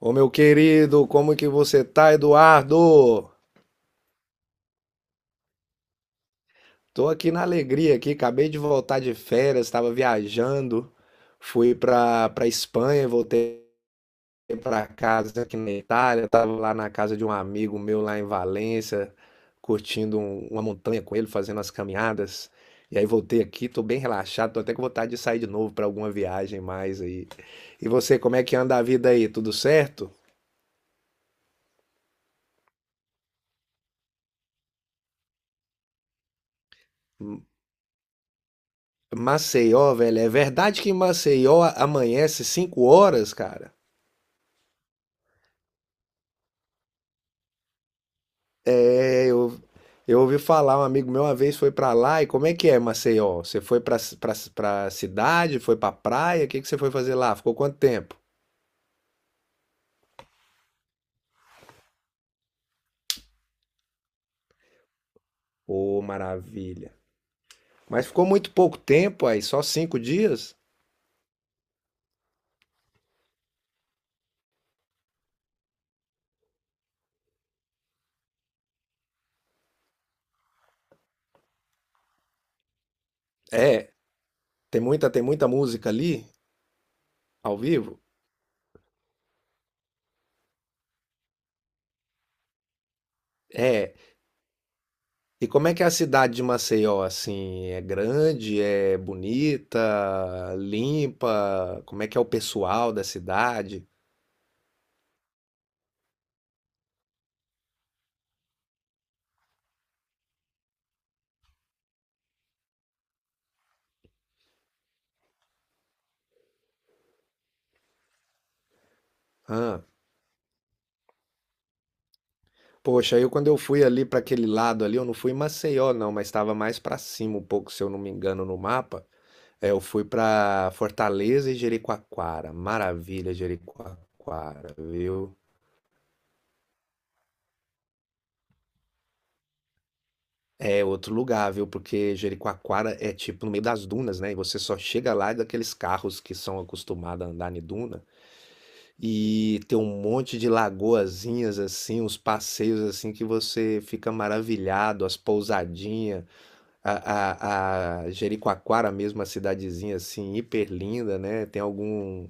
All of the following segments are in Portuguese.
Ô meu querido, como que você tá, Eduardo? Tô aqui na alegria aqui, acabei de voltar de férias, estava viajando, fui pra para Espanha, voltei pra casa aqui na Itália, tava lá na casa de um amigo meu lá em Valência, curtindo uma montanha com ele, fazendo as caminhadas. E aí voltei aqui, tô bem relaxado, tô até com vontade de sair de novo pra alguma viagem mais aí. E você, como é que anda a vida aí? Tudo certo? Maceió, velho, é verdade que em Maceió amanhece 5 horas, cara? É, eu ouvi falar, um amigo meu uma vez foi pra lá, e como é que é Maceió? Você foi pra cidade, foi pra praia, o que que você foi fazer lá? Ficou quanto tempo? Ô, maravilha. Mas ficou muito pouco tempo aí, só 5 dias? É, tem muita música ali, ao vivo? É, e como é que é a cidade de Maceió, assim? É grande, é bonita, limpa? Como é que é o pessoal da cidade? Ah, poxa, eu quando eu fui ali para aquele lado ali, eu não fui em Maceió não, mas estava mais para cima um pouco, se eu não me engano, no mapa. É, eu fui para Fortaleza e Jericoacoara. Maravilha, Jericoacoara, viu? É outro lugar, viu? Porque Jericoacoara é tipo no meio das dunas, né? E você só chega lá daqueles carros que são acostumados a andar em duna. E tem um monte de lagoazinhas assim, uns passeios assim que você fica maravilhado, as pousadinhas, a Jericoacoara mesmo, a cidadezinha assim, hiper linda, né? Tem algum,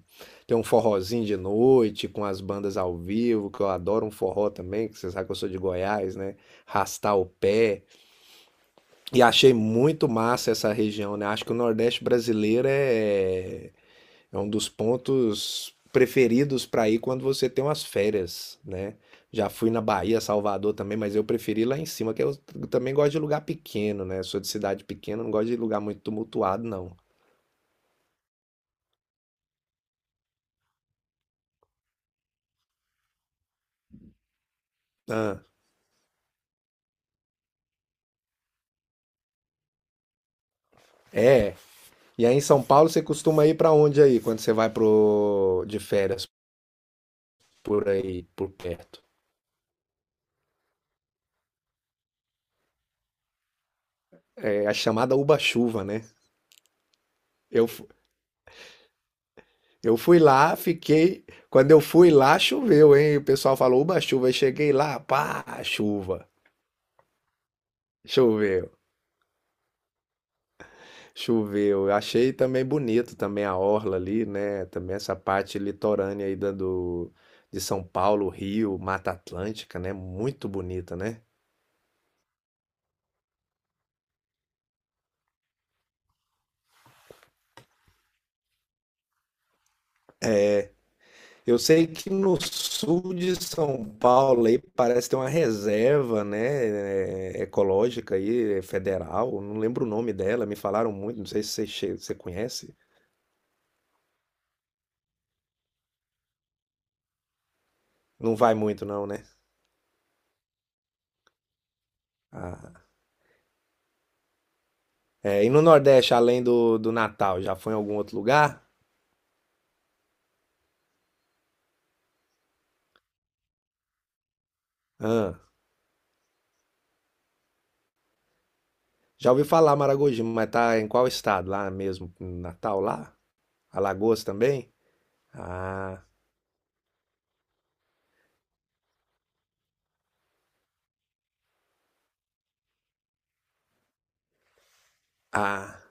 tem um forrozinho de noite com as bandas ao vivo, que eu adoro um forró também, que você sabe que eu sou de Goiás, né? Rastar o pé. E achei muito massa essa região, né? Acho que o Nordeste brasileiro é um dos pontos preferidos para ir quando você tem umas férias, né? Já fui na Bahia, Salvador também, mas eu preferi lá em cima, que eu também gosto de lugar pequeno, né? Sou de cidade pequena, não gosto de lugar muito tumultuado, não. Ah, é. E aí em São Paulo você costuma ir para onde aí, quando você vai pro de férias por aí, por perto? É a chamada Uba-chuva, né? Eu, eu fui lá, fiquei. Quando eu fui lá, choveu, hein? O pessoal falou Uba-chuva. Eu cheguei lá, pá, chuva. Choveu. Choveu. Eu achei também bonito também a orla ali, né? Também essa parte litorânea aí da do de São Paulo, Rio, Mata Atlântica, né? Muito bonita, né? Eu sei que no sul de São Paulo aí parece ter uma reserva, né, ecológica aí, é federal, não lembro o nome dela, me falaram muito, não sei se você, você conhece. Não vai muito não, né? Ah. É, e no Nordeste, além do, do Natal, já foi em algum outro lugar? Ah. Já ouvi falar Maragogi, mas tá em qual estado? Lá mesmo, em Natal, lá? Alagoas também? Ah, ah.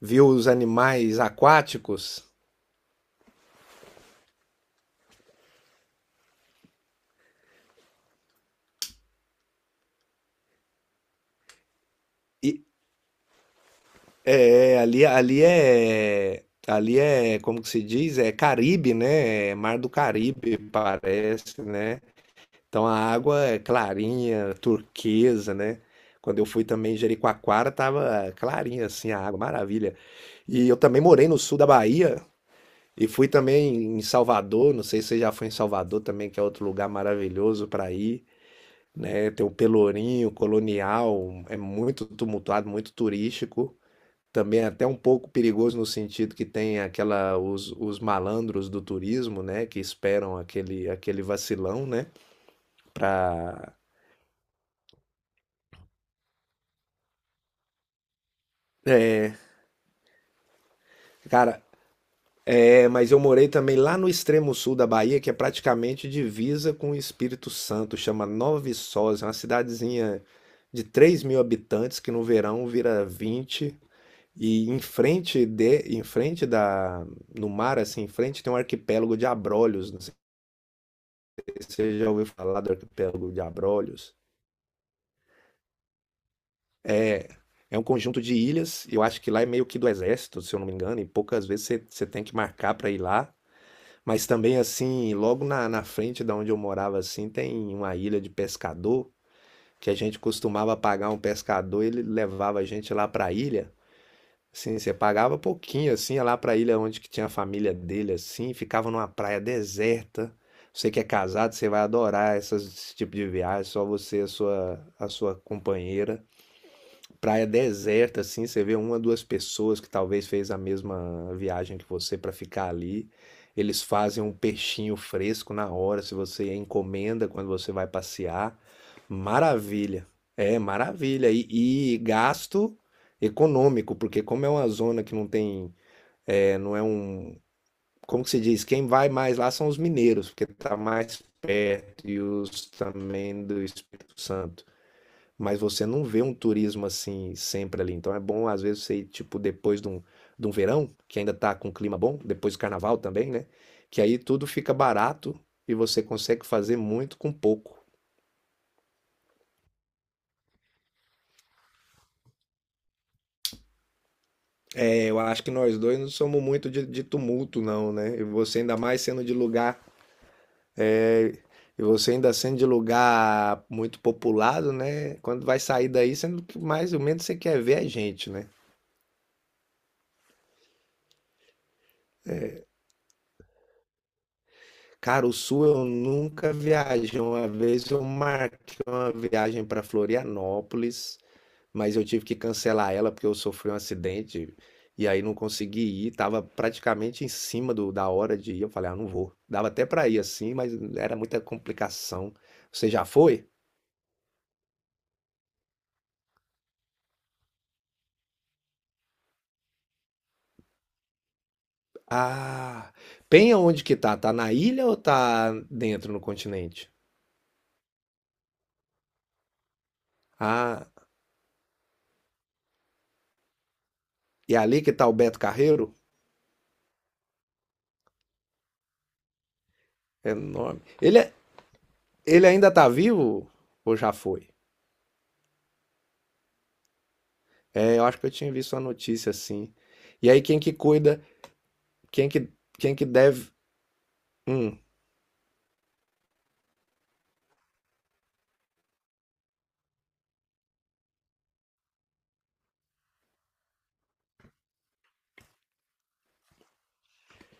Viu os animais aquáticos? E, ali, ali é, como que se diz? É Caribe, né? É Mar do Caribe, parece, né? Então a água é clarinha, turquesa, né? Quando eu fui também em Jericoacoara, tava clarinha assim a água, maravilha. E eu também morei no sul da Bahia, e fui também em Salvador, não sei se você já foi em Salvador também, que é outro lugar maravilhoso para ir, né? Tem o Pelourinho, Colonial, é muito tumultuado, muito turístico. Também é até um pouco perigoso no sentido que tem aquela os malandros do turismo, né, que esperam aquele vacilão, né, para é, cara, é, mas eu morei também lá no extremo sul da Bahia, que é praticamente divisa com o Espírito Santo, chama Nova Viçosa, é uma cidadezinha de 3 mil habitantes que no verão vira 20. E em frente de, em frente da, no mar, assim, em frente tem um arquipélago de Abrolhos. Não sei se você já ouviu falar do arquipélago de Abrolhos. É, é um conjunto de ilhas. Eu acho que lá é meio que do exército, se eu não me engano, e poucas vezes você, você tem que marcar para ir lá. Mas também assim, logo na frente da onde eu morava assim, tem uma ilha de pescador que a gente costumava pagar um pescador, ele levava a gente lá para a ilha. Assim, você pagava pouquinho assim, ia lá para a ilha onde que tinha a família dele assim, ficava numa praia deserta. Você que é casado, você vai adorar esse tipo de viagem, só você e a sua companheira, praia deserta, assim, você vê uma, duas pessoas que talvez fez a mesma viagem que você para ficar ali. Eles fazem um peixinho fresco na hora, se você encomenda quando você vai passear. Maravilha. É, maravilha. E gasto econômico, porque como é uma zona que não tem, é, não é um, como que se diz? Quem vai mais lá são os mineiros, porque tá mais perto e os também do Espírito Santo. Mas você não vê um turismo assim sempre ali. Então é bom, às vezes, você ir, tipo, depois de um, verão, que ainda tá com clima bom, depois do carnaval também, né? Que aí tudo fica barato e você consegue fazer muito com pouco. É, eu acho que nós dois não somos muito de tumulto, não, né? E você ainda mais sendo de lugar. É, e você ainda sendo de lugar muito populado, né? Quando vai sair daí, sendo que mais ou menos você quer ver a gente, né? Cara, o Sul eu nunca viajei. Uma vez eu marquei uma viagem para Florianópolis, mas eu tive que cancelar ela porque eu sofri um acidente e aí não consegui ir. Tava praticamente em cima da hora de ir. Eu falei, ah, não vou. Dava até para ir assim, mas era muita complicação. Você já foi? Ah, Penha onde que tá? Tá na ilha ou tá dentro no continente? Ah, e é ali que tá o Beto Carreiro? É enorme. Ele ainda tá vivo ou já foi? É, eu acho que eu tinha visto uma notícia assim. E aí quem que cuida, quem que, quem que deve. Hum,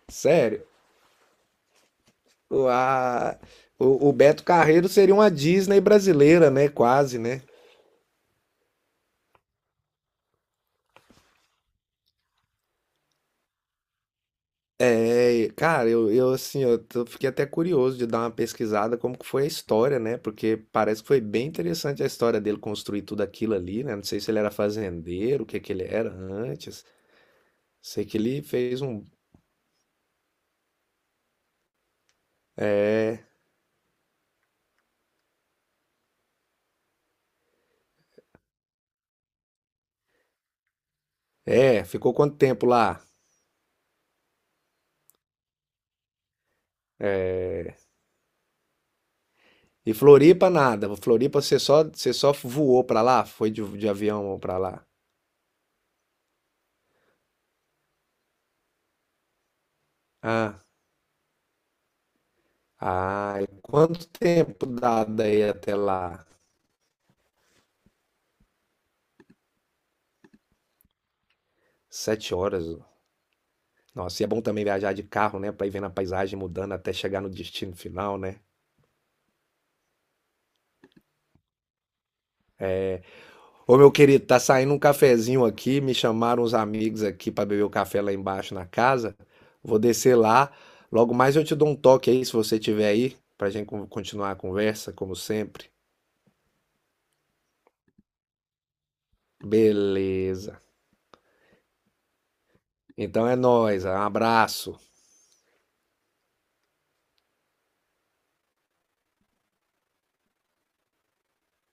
sério, o, a- o Beto Carreiro seria uma Disney brasileira, né? Quase, né? É, cara, eu assim, eu fiquei até curioso de dar uma pesquisada como que foi a história, né? Porque parece que foi bem interessante a história dele construir tudo aquilo ali, né? Não sei se ele era fazendeiro, o que que ele era antes. Sei que ele fez um. É, ficou quanto tempo lá? E Floripa nada. Floripa você só voou pra lá? Foi de avião pra lá? Ah, ah, e quanto tempo dá daí até lá? 7 horas. Nossa, e é bom também viajar de carro, né? Pra ir vendo a paisagem mudando até chegar no destino final, né? Ô, meu querido, tá saindo um cafezinho aqui. Me chamaram uns amigos aqui pra beber o café lá embaixo na casa. Vou descer lá. Logo mais eu te dou um toque aí, se você tiver aí, pra gente continuar a conversa, como sempre. Beleza. Então é nóis, um abraço.